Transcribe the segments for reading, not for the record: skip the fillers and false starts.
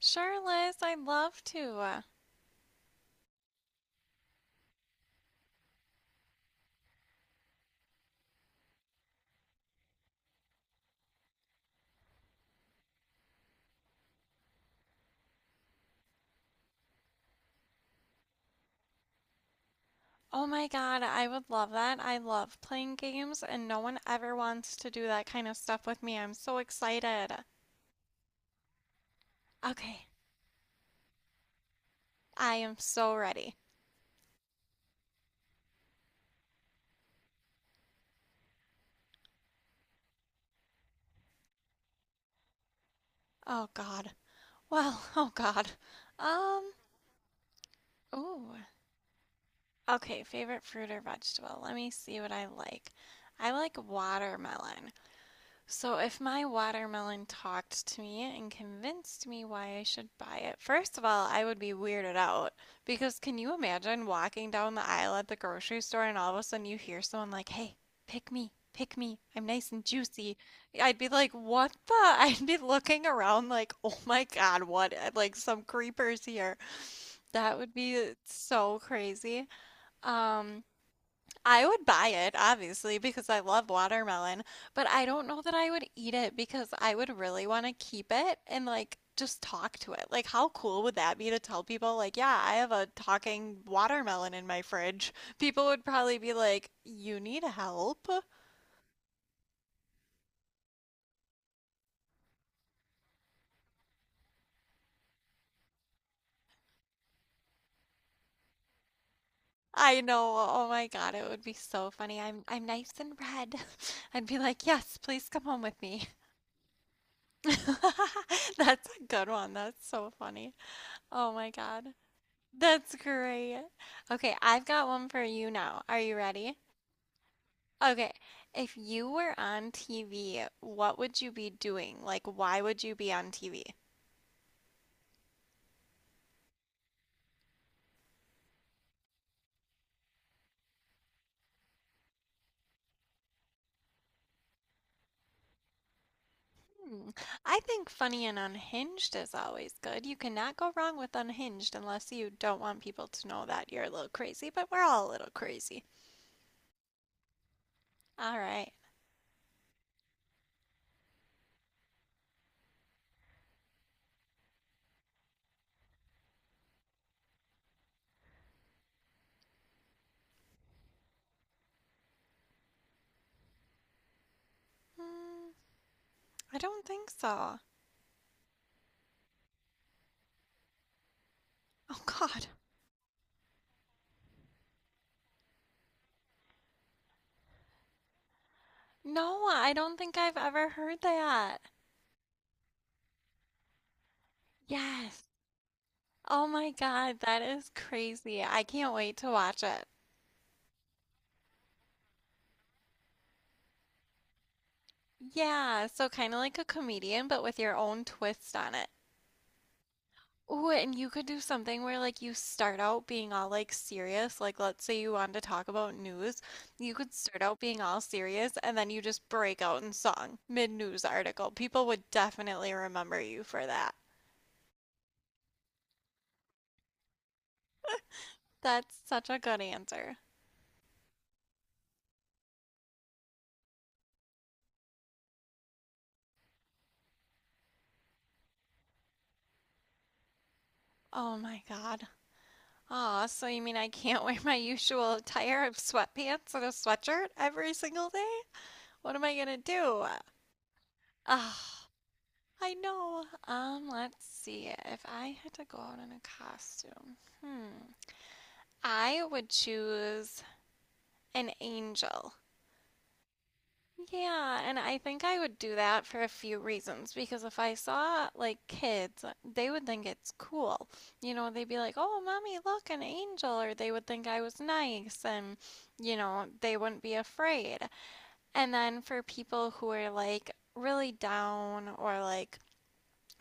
Sure, Liz, I'd love to. Oh my God, I would love that. I love playing games, and no one ever wants to do that kind of stuff with me. I'm so excited. Okay, I am so ready. Oh God. Well, oh God. Um, Ooh. Okay, favorite fruit or vegetable. Let me see what I like. I like watermelon. So, if my watermelon talked to me and convinced me why I should buy it, first of all, I would be weirded out. Because can you imagine walking down the aisle at the grocery store and all of a sudden you hear someone like, hey, pick me, I'm nice and juicy? I'd be like, what the? I'd be looking around like, oh my God, what? Like some creepers here. That would be so crazy. Um, I would buy it, obviously, because I love watermelon, but I don't know that I would eat it because I would really want to keep it and like just talk to it. Like, how cool would that be to tell people, like, yeah, I have a talking watermelon in my fridge? People would probably be like, you need help. I know. Oh my God, it would be so funny. I'm nice and red. I'd be like, yes, please come home with me. That's a good one. That's so funny. Oh my God. That's great. Okay, I've got one for you now. Are you ready? Okay, if you were on TV, what would you be doing? Like, why would you be on TV? Hmm. I think Funny and Unhinged is always good. You cannot go wrong with Unhinged unless you don't want people to know that you're a little crazy, but we're all a little crazy. All right. Hmm, I don't think so. Oh, God. No, I don't think I've ever heard that. Yes. Oh my God, that is crazy. I can't wait to watch it. Yeah, so kind of like a comedian, but with your own twist on it. Ooh, and you could do something where like you start out being all like serious, like let's say you wanted to talk about news, you could start out being all serious and then you just break out in song mid-news article. People would definitely remember you for that. That's such a good answer. Oh my God. Aw, so you mean I can't wear my usual attire of sweatpants and a sweatshirt every single day? What am I gonna do? Ah, I know. Let's see. If I had to go out in a costume, hmm, I would choose an angel. Yeah, and I think I would do that for a few reasons because if I saw like kids, they would think it's cool. You know, they'd be like, "Oh, mommy, look, an angel," or they would think I was nice and, you know, they wouldn't be afraid. And then for people who are like really down or like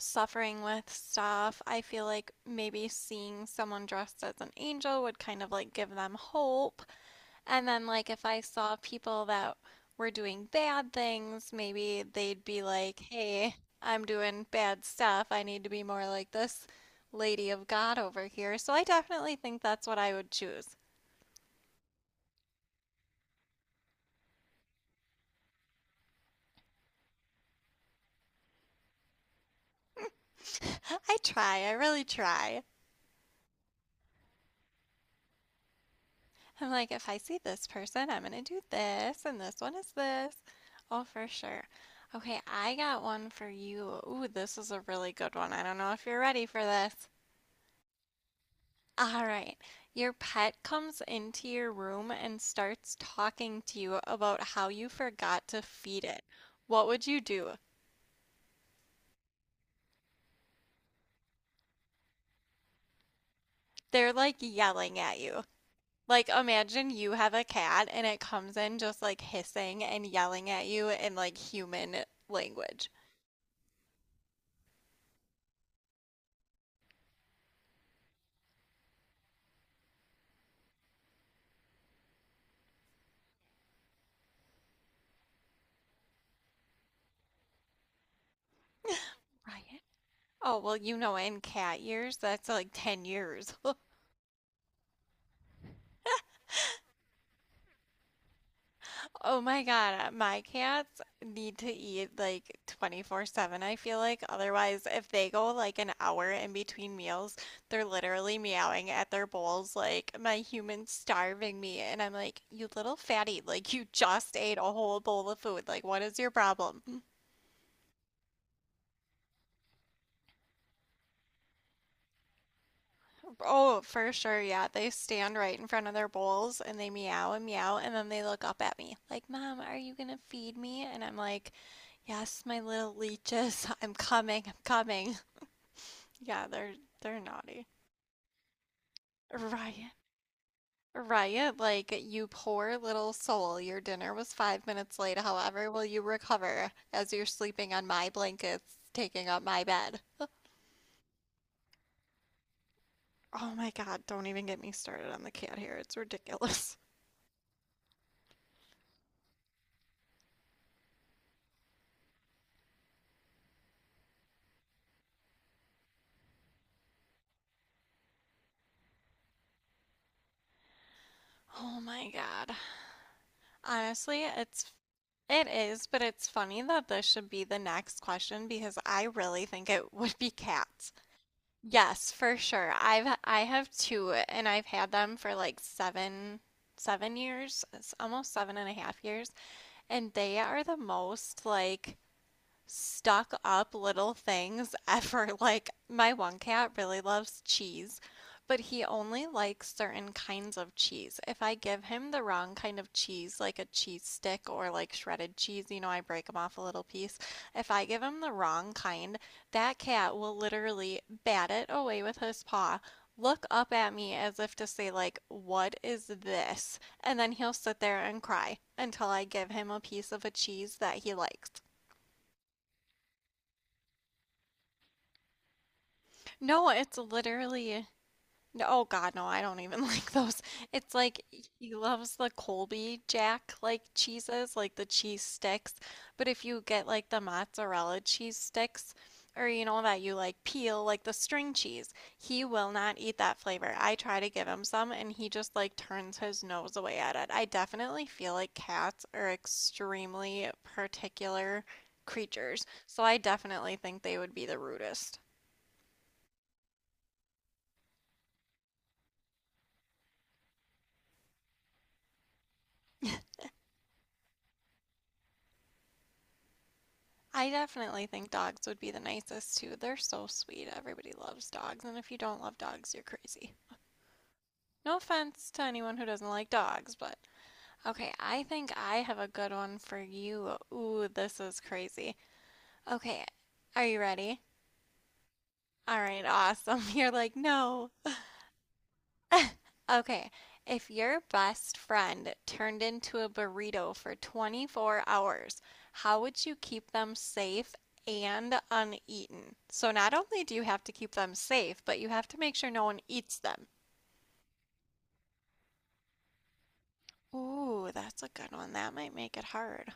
suffering with stuff, I feel like maybe seeing someone dressed as an angel would kind of like give them hope. And then, like, if I saw people that were doing bad things, maybe they'd be like, hey, I'm doing bad stuff. I need to be more like this lady of God over here. So I definitely think that's what I would choose. I try, I really try. I'm like, if I see this person, I'm gonna do this, and this one is this. Oh, for sure. Okay, I got one for you. Ooh, this is a really good one. I don't know if you're ready for this. All right. Your pet comes into your room and starts talking to you about how you forgot to feed it. What would you do? They're like yelling at you. Like, imagine you have a cat and it comes in just like hissing and yelling at you in like human language. Right. Oh, well, you know, in cat years, that's like 10 years. Oh my God, my cats need to eat like 24/7, I feel like. Otherwise, if they go like an hour in between meals, they're literally meowing at their bowls like my human's starving me. And I'm like, you little fatty, like you just ate a whole bowl of food. Like, what is your problem? Oh, for sure. Yeah, they stand right in front of their bowls and they meow and meow. And then they look up at me like, Mom, are you gonna feed me? And I'm like, yes, my little leeches, I'm coming, I'm coming. Yeah, they're naughty. Ryan, Ryan, like you poor little soul. Your dinner was 5 minutes late. However, will you recover as you're sleeping on my blankets, taking up my bed? Oh my God, don't even get me started on the cat hair. It's ridiculous. Oh my God. Honestly, it is, but it's funny that this should be the next question because I really think it would be cats. Yes, for sure. I have two and I've had them for like seven years. It's almost 7.5 years. And they are the most like stuck up little things ever. Like, my one cat really loves cheese, but he only likes certain kinds of cheese. If I give him the wrong kind of cheese, like a cheese stick or like shredded cheese, you know, I break him off a little piece. If I give him the wrong kind, that cat will literally bat it away with his paw. Look up at me as if to say, like, what is this? And then he'll sit there and cry until I give him a piece of a cheese that he likes. No, it's literally no, oh God, no, I don't even like those. It's like he loves the Colby Jack like cheeses, like the cheese sticks. But if you get like the mozzarella cheese sticks or you know that you like peel like the string cheese, he will not eat that flavor. I try to give him some and he just like turns his nose away at it. I definitely feel like cats are extremely particular creatures, so I definitely think they would be the rudest. I definitely think dogs would be the nicest too. They're so sweet. Everybody loves dogs, and if you don't love dogs, you're crazy. No offense to anyone who doesn't like dogs, but okay, I think I have a good one for you. Ooh, this is crazy. Okay, are you ready? All right, awesome. You're like, no. Okay, if your best friend turned into a burrito for 24 hours, how would you keep them safe and uneaten? So not only do you have to keep them safe, but you have to make sure no one eats them. Ooh, that's a good one. That might make it hard.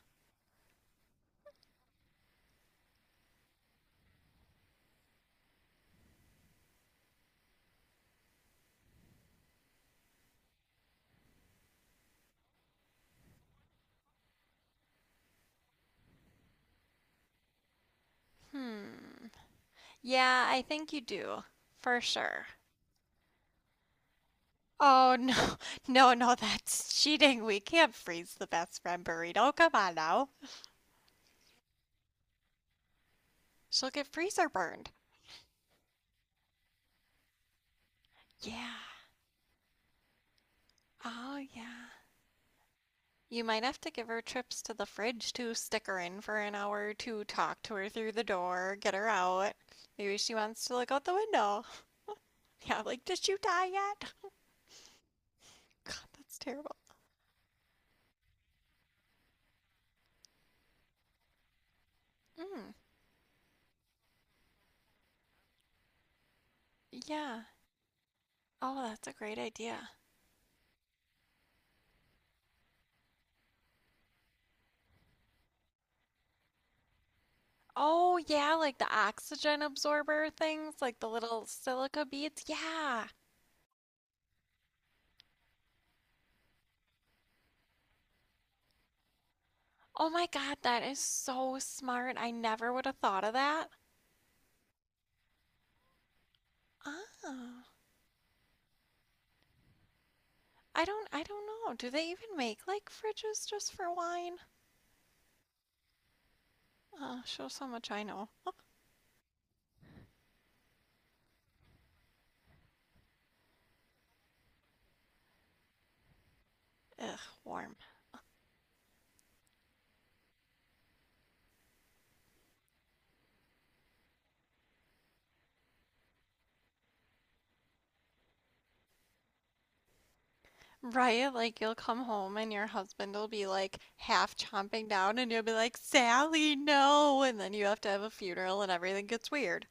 Hmm. Yeah, I think you do. For sure. Oh, no. No, no, that's cheating. We can't freeze the best friend burrito. Come on now. She'll get freezer burned. Yeah. Oh, yeah. You might have to give her trips to the fridge to stick her in for an hour or two, talk to her through the door, get her out. Maybe she wants to look out the window. Yeah, like, did you die yet? God, that's terrible. Mm, yeah. Oh, that's a great idea. Oh, yeah, like the oxygen absorber things, like the little silica beads. Yeah. Oh my God, that is so smart. I never would have thought of that. Ah, I don't know. Do they even make like fridges just for wine? Shows how much I know. Ugh, warm. Right? Like, you'll come home and your husband will be like half chomping down, and you'll be like, Sally, no! And then you have to have a funeral and everything gets weird.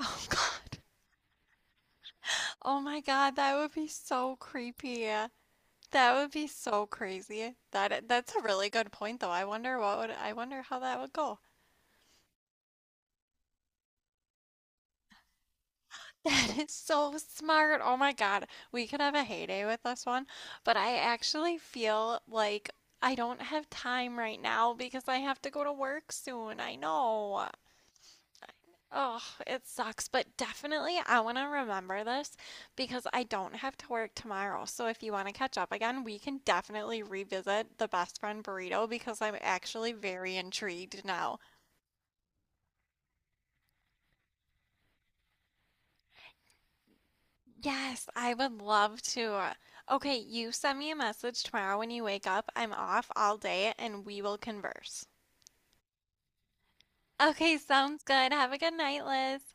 Oh, God. Oh my God, that would be so creepy. That would be so crazy. That's a really good point, though. I wonder what would I wonder how that would go. That is so smart. Oh my God. We could have a heyday with this one. But I actually feel like I don't have time right now because I have to go to work soon. I know. Oh, it sucks. But definitely, I want to remember this because I don't have to work tomorrow. So if you want to catch up again, we can definitely revisit the best friend burrito because I'm actually very intrigued now. Yes, I would love to. Okay, you send me a message tomorrow when you wake up. I'm off all day and we will converse. Okay, sounds good. Have a good night, Liz.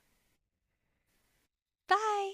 Bye.